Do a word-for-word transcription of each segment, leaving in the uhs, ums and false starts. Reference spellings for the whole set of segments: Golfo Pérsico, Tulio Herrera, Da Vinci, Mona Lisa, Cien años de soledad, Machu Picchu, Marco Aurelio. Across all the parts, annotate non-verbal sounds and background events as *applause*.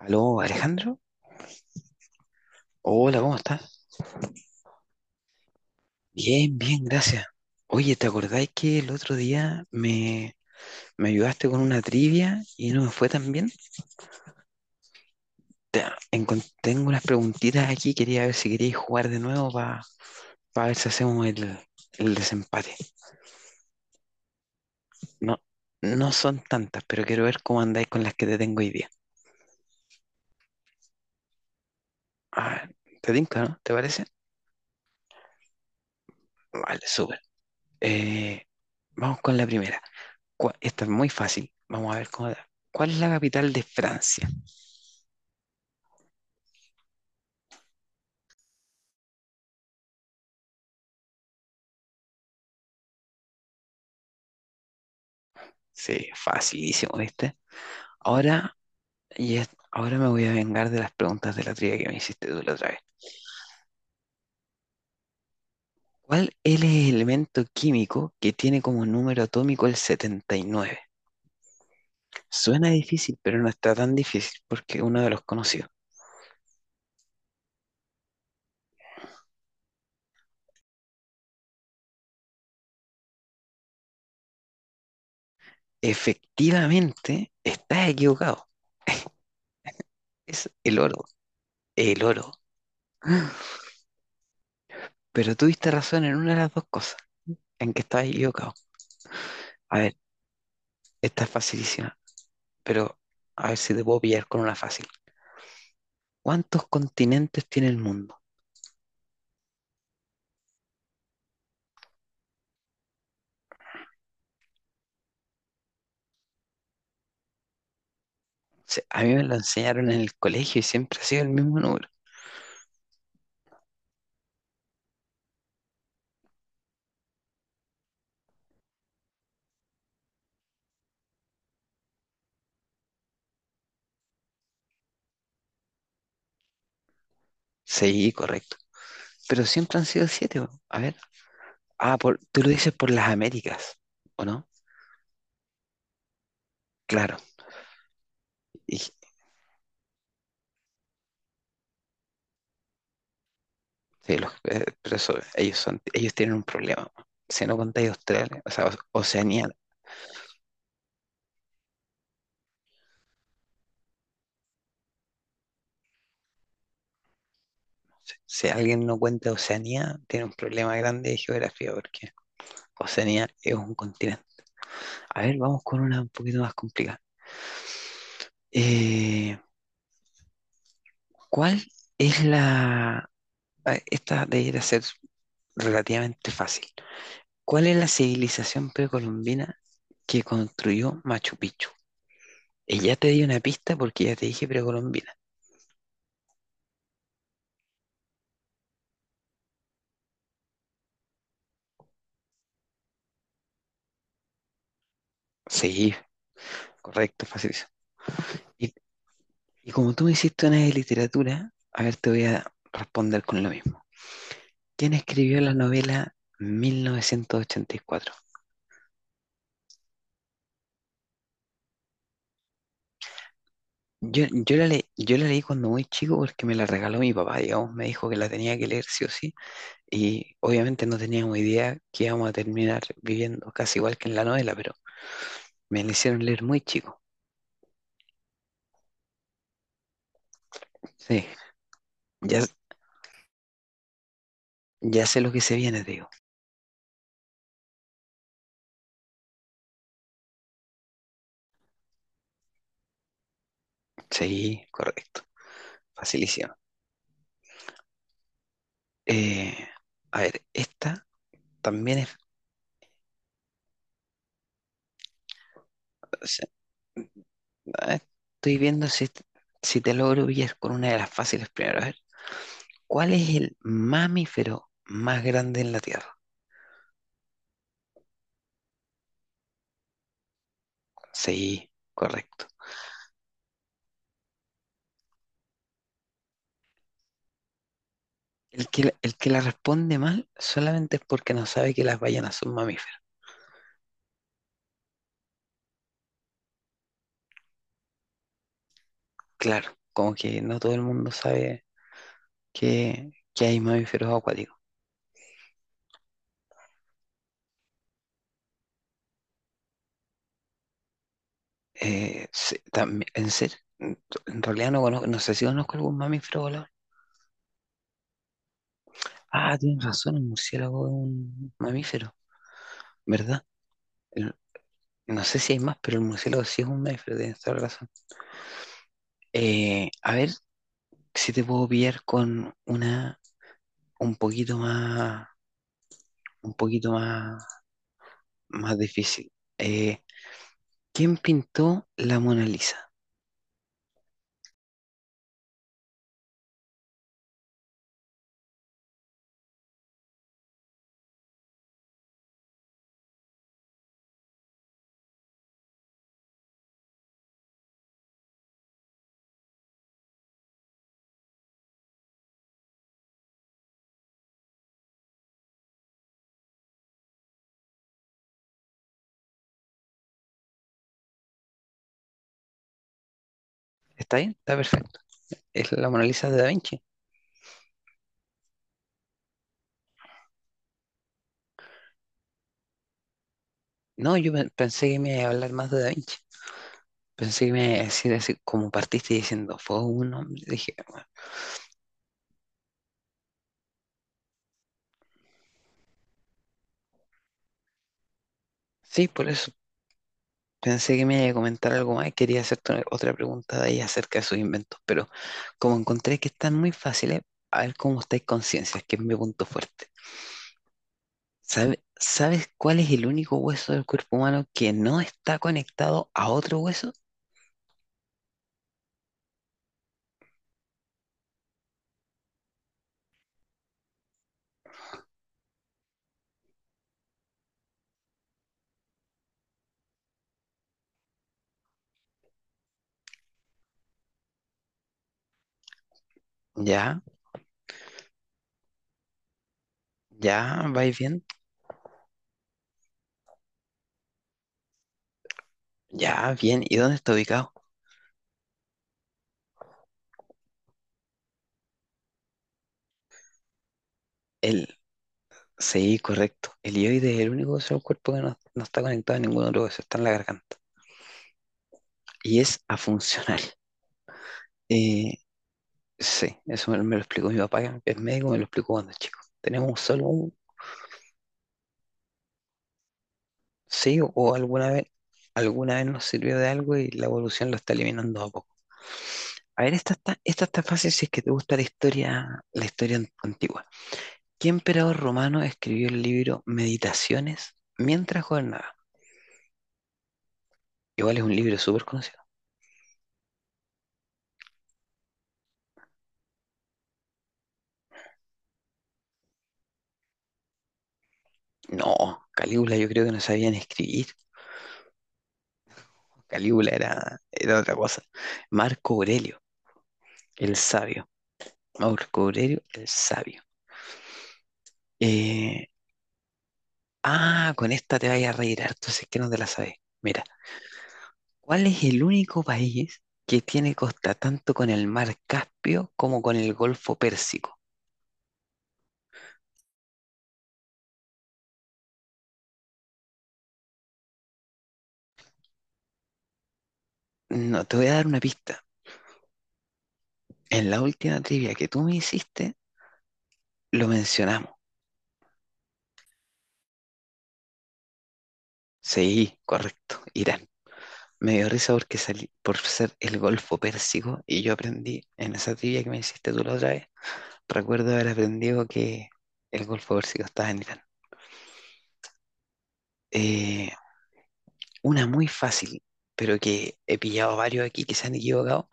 Aló, Alejandro. Hola, ¿cómo estás? Bien, bien, gracias. Oye, ¿te acordáis que el otro día me, me ayudaste con una trivia y no me fue tan bien? Te- encon- Tengo unas preguntitas aquí, quería ver si queríais jugar de nuevo para ver si hacemos el, el desempate. No, no son tantas, pero quiero ver cómo andáis con las que te tengo hoy día. Ah, ¿te tinca, no? ¿Te parece? Vale, súper. Eh, Vamos con la primera. Cua- Esta es muy fácil. Vamos a ver cómo da. ¿Cuál es la capital de Francia? Sí, facilísimo, ¿viste? Ahora, y es- ahora me voy a vengar de las preguntas de la trivia que me hiciste tú la otra vez. ¿Cuál es el elemento químico que tiene como número atómico el setenta y nueve? Suena difícil, pero no está tan difícil porque es uno de los conocidos. Efectivamente, estás equivocado. *laughs* Es el oro, el oro. Pero tuviste razón en una de las dos cosas, en que estabas equivocado. A ver, esta es facilísima, pero a ver si te puedo pillar con una fácil. ¿Cuántos continentes tiene el mundo? Se- A mí me lo enseñaron en el colegio y siempre ha sido el mismo número. Sí, correcto. Pero siempre han sido siete. Bo. A ver. Ah, por, tú lo dices por las Américas, ¿o no? Claro. Y, sí, los- eh, pero eso, ellos son, ellos tienen un problema. Si no contáis Australia, o sea, Oce- Oceanía. Si si alguien no cuenta Oceanía, tiene un problema grande de geografía, porque Oceanía es un continente. A ver, vamos con una un poquito más complicada. Eh, ¿cuál es la Ah, esta debería ser relativamente fácil. ¿Cuál es la civilización precolombina que construyó Machu Picchu? Y ya te di una pista porque ya te dije precolombina. Sí, correcto, facilísimo. Y, y como tú me hiciste una de literatura, a ver, te voy a responder con lo mismo. ¿Quién escribió la novela mil novecientos ochenta y cuatro? Yo, yo la le- yo la leí cuando muy chico porque me la regaló mi papá, digamos, me dijo que la tenía que leer sí o sí. Y obviamente no teníamos idea que íbamos a terminar viviendo casi igual que en la novela, pero me la hicieron leer muy chico. Sí, ya, ya sé lo que se viene, te digo. Sí, correcto. Facilísimo. Eh, a ver, esta también es... o sea, A ver, estoy viendo si, si te logro pillar con una de las fáciles primero. A ver, ¿cuál es el mamífero más grande en la Tierra? Sí, correcto. El que, la- el que la responde mal solamente es porque no sabe que las ballenas son mamíferos. Claro, como que no todo el mundo sabe que, que hay mamíferos acuáticos. Eh, se- también, en serio, en en realidad no conozco, no sé si conozco algún mamífero volador. Ah, tienes razón, el murciélago es un mamífero, ¿verdad? El- no sé si hay más, pero el murciélago sí es un mamífero, tienes toda la razón. Eh, a ver si te puedo pillar con una un poquito más, un poquito más, más difícil. Eh, ¿Quién pintó la Mona Lisa? ¿Está bien? Está perfecto. Es la Mona Lisa de Da Vinci. No, yo pe- pensé que me iba a hablar más de Da Vinci. Pensé que me iba a decir así, como partiste diciendo, fue un hombre. Dije, "Ah, sí, por eso". Pensé que me iba a comentar algo más. Y quería hacerte una- otra pregunta de ahí acerca de sus inventos, pero como encontré que están muy fáciles, a ver cómo estáis conciencias, que es mi punto fuerte. ¿Sabe- ¿Sabes cuál es el único hueso del cuerpo humano que no está conectado a otro hueso? Ya, ya, vais bien. Ya, bien. ¿Y dónde está ubicado? El Sí, correcto. El hioide es el único hueso del cuerpo que no, no está conectado a ningún otro hueso, está en la garganta. Y es afuncional. *laughs* Eh, sí, eso me, me lo explicó mi papá, que es médico, me lo explicó cuando chico. Tenemos solo un sí o o alguna vez, alguna vez nos sirvió de algo y la evolución lo está eliminando a poco. A ver, esta está, esta está fácil si es que te gusta la historia, la historia an- antigua. ¿Qué emperador romano escribió el libro Meditaciones mientras gobernaba? Igual es un libro súper conocido. No, Calígula yo creo que no sabían escribir. Calígula era, era otra cosa. Marco Aurelio, el sabio. Marco Aurelio, el sabio. Eh, ah, con esta te vayas a reír harto, si es que no te la sabes. Mira, ¿cuál es el único país que tiene costa tanto con el mar Caspio como con el Golfo Pérsico? No, te voy a dar una pista. En la última trivia que tú me hiciste, lo mencionamos. Sí, correcto, Irán. Me dio risa porque salí por ser el Golfo Pérsico y yo aprendí en esa trivia que me hiciste tú la otra vez. Recuerdo haber aprendido que el Golfo Pérsico estaba en Irán. Eh, una muy fácil, pero que he pillado varios aquí que se han equivocado.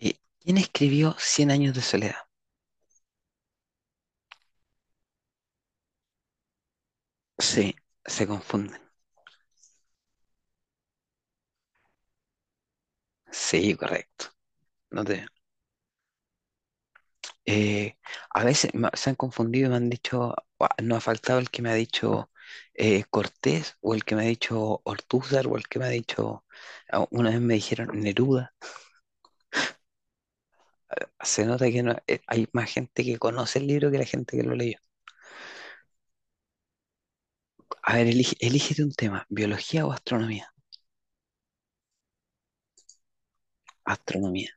Eh, ¿quién escribió Cien años de soledad? Sí, se confunden. Sí, correcto. No te, Eh, a veces me- se han confundido y me han dicho, "Guau, no ha faltado el que me ha dicho eh, Cortés o el que me ha dicho Ortúzar o el que me ha dicho, a- una vez me dijeron Neruda. Se nota que no- eh, hay más gente que conoce el libro que la gente que lo leyó. A ver, elige, elígete un tema, biología o astronomía. Astronomía.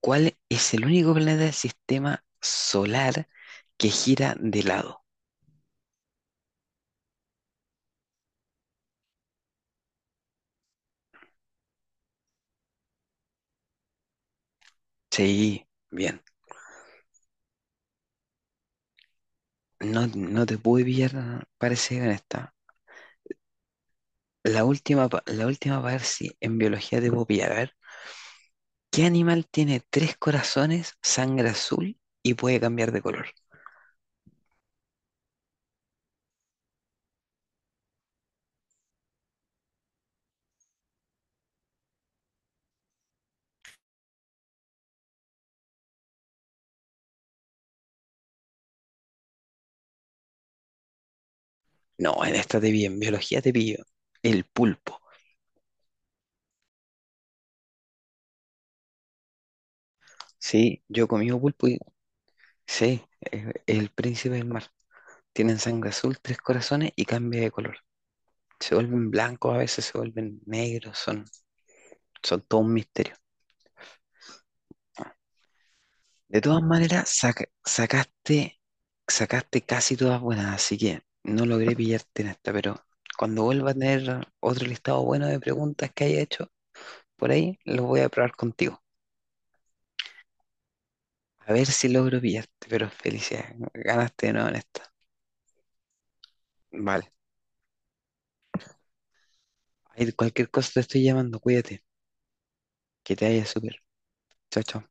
¿Cuál es el único planeta del sistema solar que gira de lado? Sí, bien. No, no te pude pillar, parece, en esta. La última, pa- la última para ver si en biología debo pillar. A ver, ¿qué animal tiene tres corazones, sangre azul y puede cambiar de color? No, en esta te vi, en biología te pillo. El pulpo. Sí, yo he comido pulpo y sí, es es el príncipe del mar. Tienen sangre azul, tres corazones y cambia de color. Se vuelven blancos, a veces se vuelven negros, son, son todo un misterio. De todas maneras, saca- sacaste, sacaste casi todas buenas, así que no logré *laughs* pillarte en esta, pero cuando vuelva a tener otro listado bueno de preguntas que haya hecho por ahí, los voy a probar contigo. A ver si logro pillarte, pero felicidades, ganaste de nuevo en esta. Vale, ahí cualquier cosa te estoy llamando, cuídate, que te vaya súper. Chao, chao.